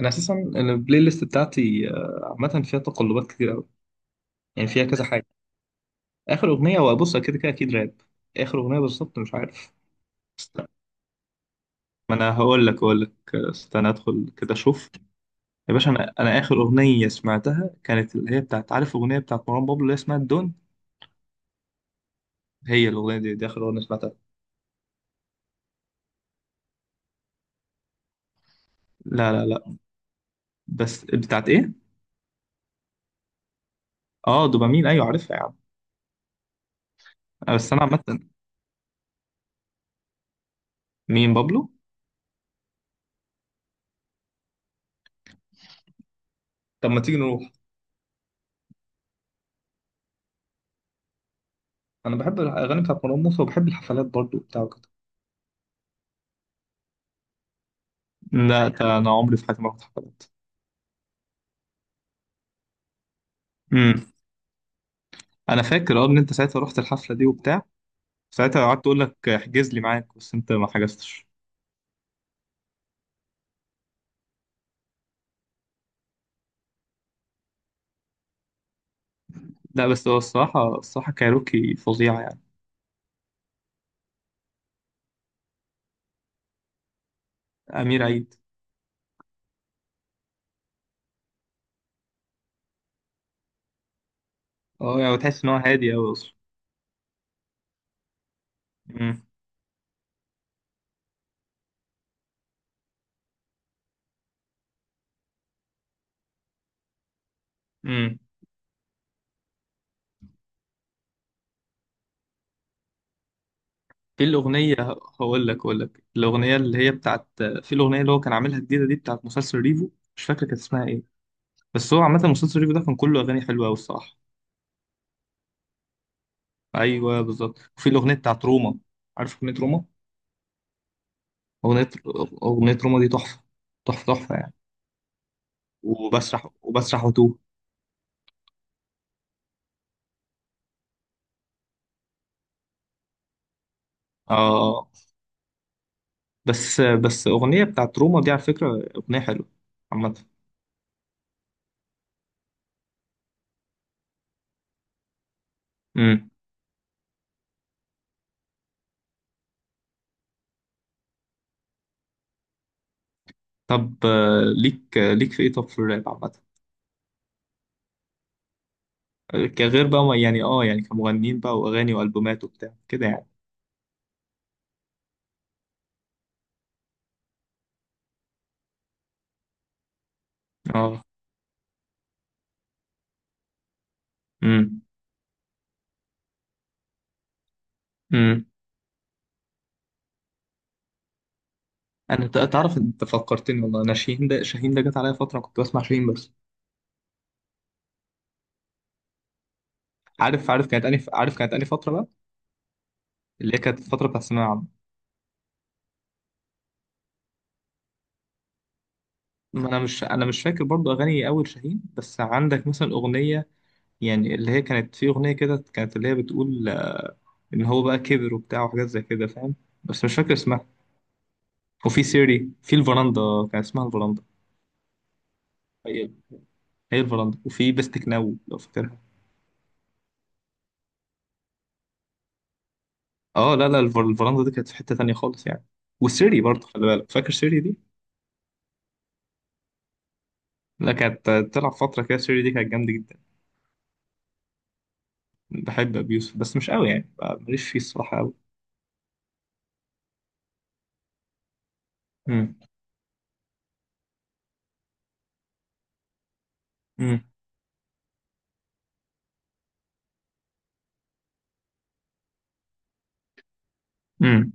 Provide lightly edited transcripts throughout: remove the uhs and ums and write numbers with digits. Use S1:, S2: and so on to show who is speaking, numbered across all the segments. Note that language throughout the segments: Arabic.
S1: انا اساسا البلاي ليست بتاعتي عامه فيها تقلبات كتير قوي. يعني فيها كذا حاجه. اخر اغنيه وابص كده كده اكيد راب. اخر اغنيه بالظبط مش عارف. استنى. ما انا هقول لك استنى ادخل كده اشوف. يا باشا انا اخر اغنيه سمعتها كانت اللي هي بتاعت، عارف، اغنيه بتاعت مروان بابلو اللي هي اسمها الدون. هي الاغنيه دي، دي اخر اغنيه سمعتها. لا لا لا. بس بتاعت ايه؟ اه دوبامين، ايوه عارفها يا عم. بس انا عامه. مين بابلو؟ طب ما تيجي نروح. انا بحب الاغاني بتاعت مروان موسى وبحب الحفلات برضو بتاعته. لا، ده انا عمري في حياتي ما رحت حفلات. امم انا فاكر اه ان انت ساعتها رحت الحفله دي وبتاع. ساعتها قعدت تقول لك احجز لي معاك بس انت ما حجزتش. لا بس هو الصراحه الصراحه كايروكي فظيعه يعني. امير عيد. اه يعني تحس ان هو هادي قوي اصلا. امم امم في الاغنيه، هقول لك الاغنيه اللي هي بتاعت، في الاغنيه اللي هو كان عاملها جديده دي بتاعت مسلسل ريفو، مش فاكر كانت اسمها ايه. بس هو عامه مسلسل ريفو ده كان كله اغاني حلوه قوي الصراحه. ايوه بالظبط، وفي الاغنيه بتاعت روما، عارف اغنيه روما؟ أغنية، أغنية روما دي تحفة. تحفة تحفة يعني. وبسرح وبسرح وتوه. آه، بس أغنية بتاعت روما دي على فكرة أغنية حلوة عامة. امم طب ليك، ليك في إيه، طب في الراب عامة؟ كغير بقى، يعني يعني كمغنيين بقى وأغاني وألبومات وبتاع كده يعني. آه. امم امم أنا تعرف أنت فكرتني والله. أنا شاهين ده جت عليا فترة كنت بسمع شاهين بس. عارف، عارف كانت أني، عارف كانت أني فترة بقى اللي هي كانت الفترة بتاعت الثانوية العامة. ما انا مش فاكر برضو اغاني اول شاهين. بس عندك مثلا اغنيه يعني اللي هي كانت، في اغنيه كده كانت اللي هي بتقول ان هو بقى كبر وبتاع وحاجات زي كده فاهم. بس مش فاكر اسمها. وفي سيري، في الفراندا، كان اسمها الفراندا. هي هي الفراندا، وفي بستك ناو لو فاكرها. اه لا لا، الفراندا دي كانت في حته تانية خالص يعني. وسيري برضو خلي بالك، فاكر سيري دي؟ لا كانت تلعب فتره كده، سيري دي كانت جامده جدا. بحب ابي يوسف بس مش قوي يعني، ماليش فيه الصراحه قوي. امم امم امم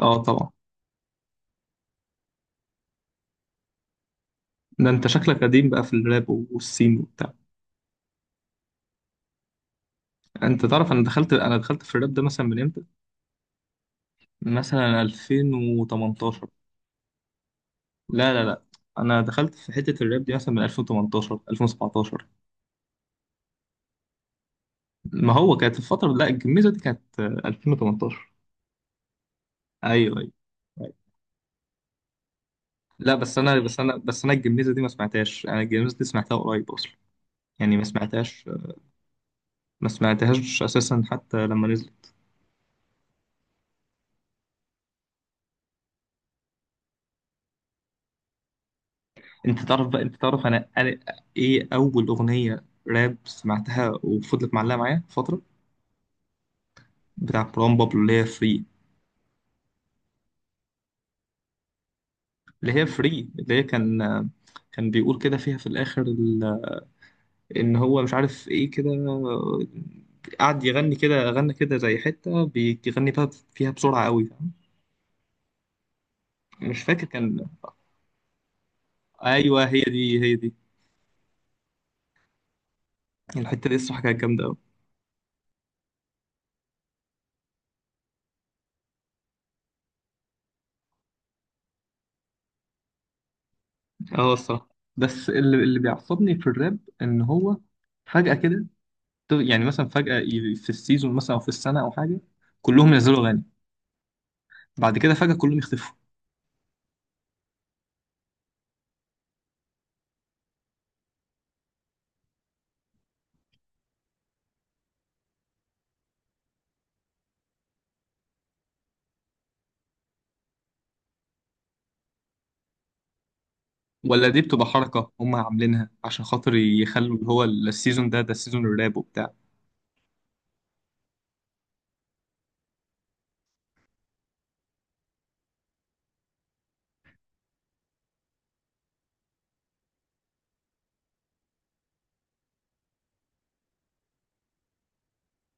S1: اه طبعا. ده انت شكلك قديم بقى في الراب والسين وبتاع. انت تعرف، انا دخلت في الراب ده مثلا من امتى؟ مثلا 2018. لا لا لا، انا دخلت في حتة الراب دي مثلا من 2018، 2017. ما هو كانت الفترة، لا الجميزة دي كانت 2018. ايوه ايوه. أيوة. لا بس انا الجميزة دي ما سمعتهاش. انا الجميزة دي سمعتها قريب اصلا يعني، ما سمعتهاش. ما سمعتهاش اساسا حتى لما نزل. انت تعرف بقى، انت تعرف انا ايه اول اغنيه راب سمعتها وفضلت معلقه معايا فتره؟ بتاع مروان بابلو اللي هي فري. اللي هي كان بيقول كده فيها في الاخر ان هو مش عارف ايه كده. قعد يغني كده، غنى كده زي حته بيغني بقى فيها بسرعه قوي فاهم؟ مش فاكر كان. ايوه هي دي هي دي. الحته دي الصراحه كانت جامده قوي. اه الصراحه. بس اللي بيعصبني في الراب ان هو فجاه كده، يعني مثلا فجأة في السيزون مثلا أو في السنة أو حاجة كلهم ينزلوا أغاني. بعد كده فجأة كلهم يختفوا. ولا دي بتبقى حركة هم عاملينها عشان خاطر يخلوا اللي هو السيزون ده، ده السيزون الراب وبتاع؟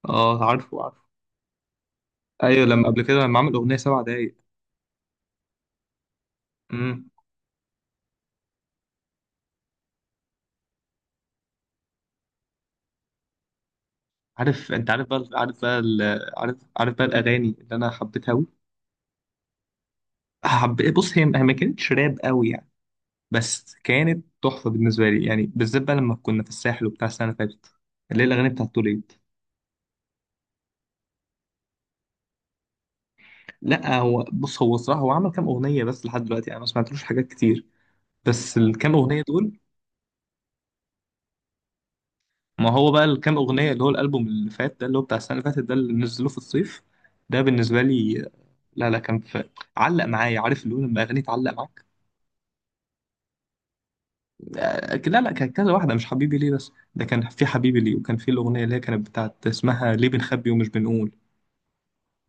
S1: اه عارفه عارفه. ايوه لما قبل كده لما عمل أغنية سبع دقايق. امم عارف، انت عارف بقى، عارف بقى عارف، عارف بقى الأغاني اللي أنا حبيتها أوي. حب، بص هي ما كانتش راب أوي يعني، بس كانت تحفة بالنسبة لي يعني، بالذات بقى لما كنا في الساحل وبتاع السنة اللي فاتت اللي هي الأغاني بتاعت توليد. لا هو بص، هو صراحة هو عمل كام أغنية بس لحد دلوقتي يعني، أنا ما سمعتلوش حاجات كتير بس الكام أغنية دول. ما هو بقى الكام أغنية اللي هو الألبوم اللي فات ده اللي هو بتاع السنة اللي فاتت ده اللي نزلوه في الصيف ده بالنسبة لي. لا لا، كان في، علق معايا عارف اللي هو لما أغنية تعلق معاك. لا لا كان كذا واحدة مش حبيبي ليه. بس ده كان في حبيبي ليه، وكان في الأغنية اللي هي كانت بتاعت اسمها ليه بنخبي ومش بنقول،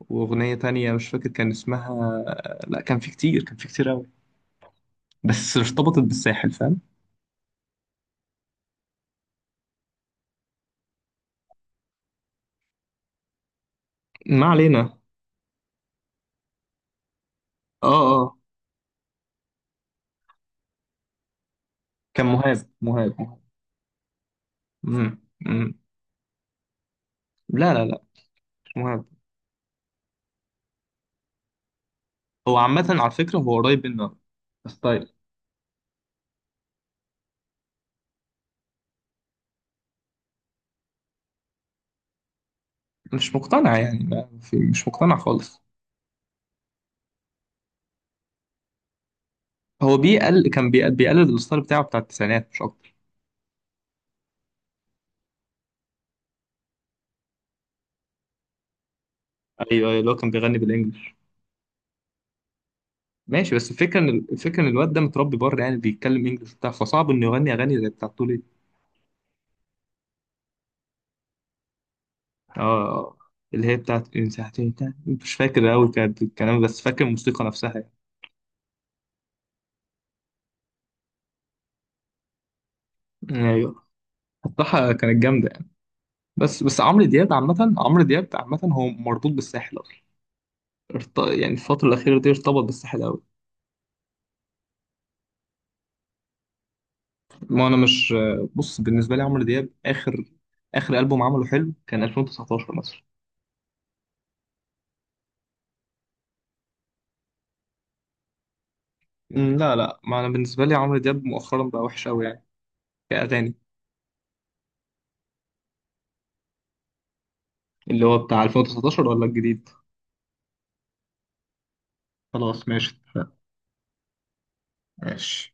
S1: وأغنية تانية مش فاكر كان اسمها. لا كان في كتير، كان في كتير أوي، بس ارتبطت بالساحل فاهم. ما علينا. اه اه. كان مهاب مهاب مهاب. مم. مم. لا لا لا، مش مهاب. هو عامة على فكرة هو قريب منه ستايل. مش مقتنع يعني، ما في مش مقتنع خالص. هو كان بيقلد الستايل بتاعه بتاع التسعينات مش اكتر. ايوه ايوه، اللي هو كان بيغني بالانجلش. ماشي بس الفكره، ان الفكره ان الواد ده متربي بره يعني بيتكلم انجلش وبتاع، فصعب انه يغني اغاني زي بتاعت تولي. اه آه. اللي هي بتاعت إن ساعتين تاني. مش فاكر قوي كانت الكلام بس فاكر الموسيقى نفسها. يعني ايوه الصراحه كانت جامده. بس عمرو دياب عامة، عمرو دياب عامة هو مربوط بالساحل أصلا. يعني الفترة الأخيرة دي ارتبط بالساحل أوي. ما أنا مش، بص بالنسبة لي عمرو دياب آخر، آخر ألبوم عمله حلو كان 2019 مثلا. لا لا، ما أنا بالنسبة لي عمرو دياب مؤخرا بقى وحش أوي يعني، كأغاني. اللي هو بتاع 2019 ولا الجديد؟ خلاص ماشي اتفقنا. ماشي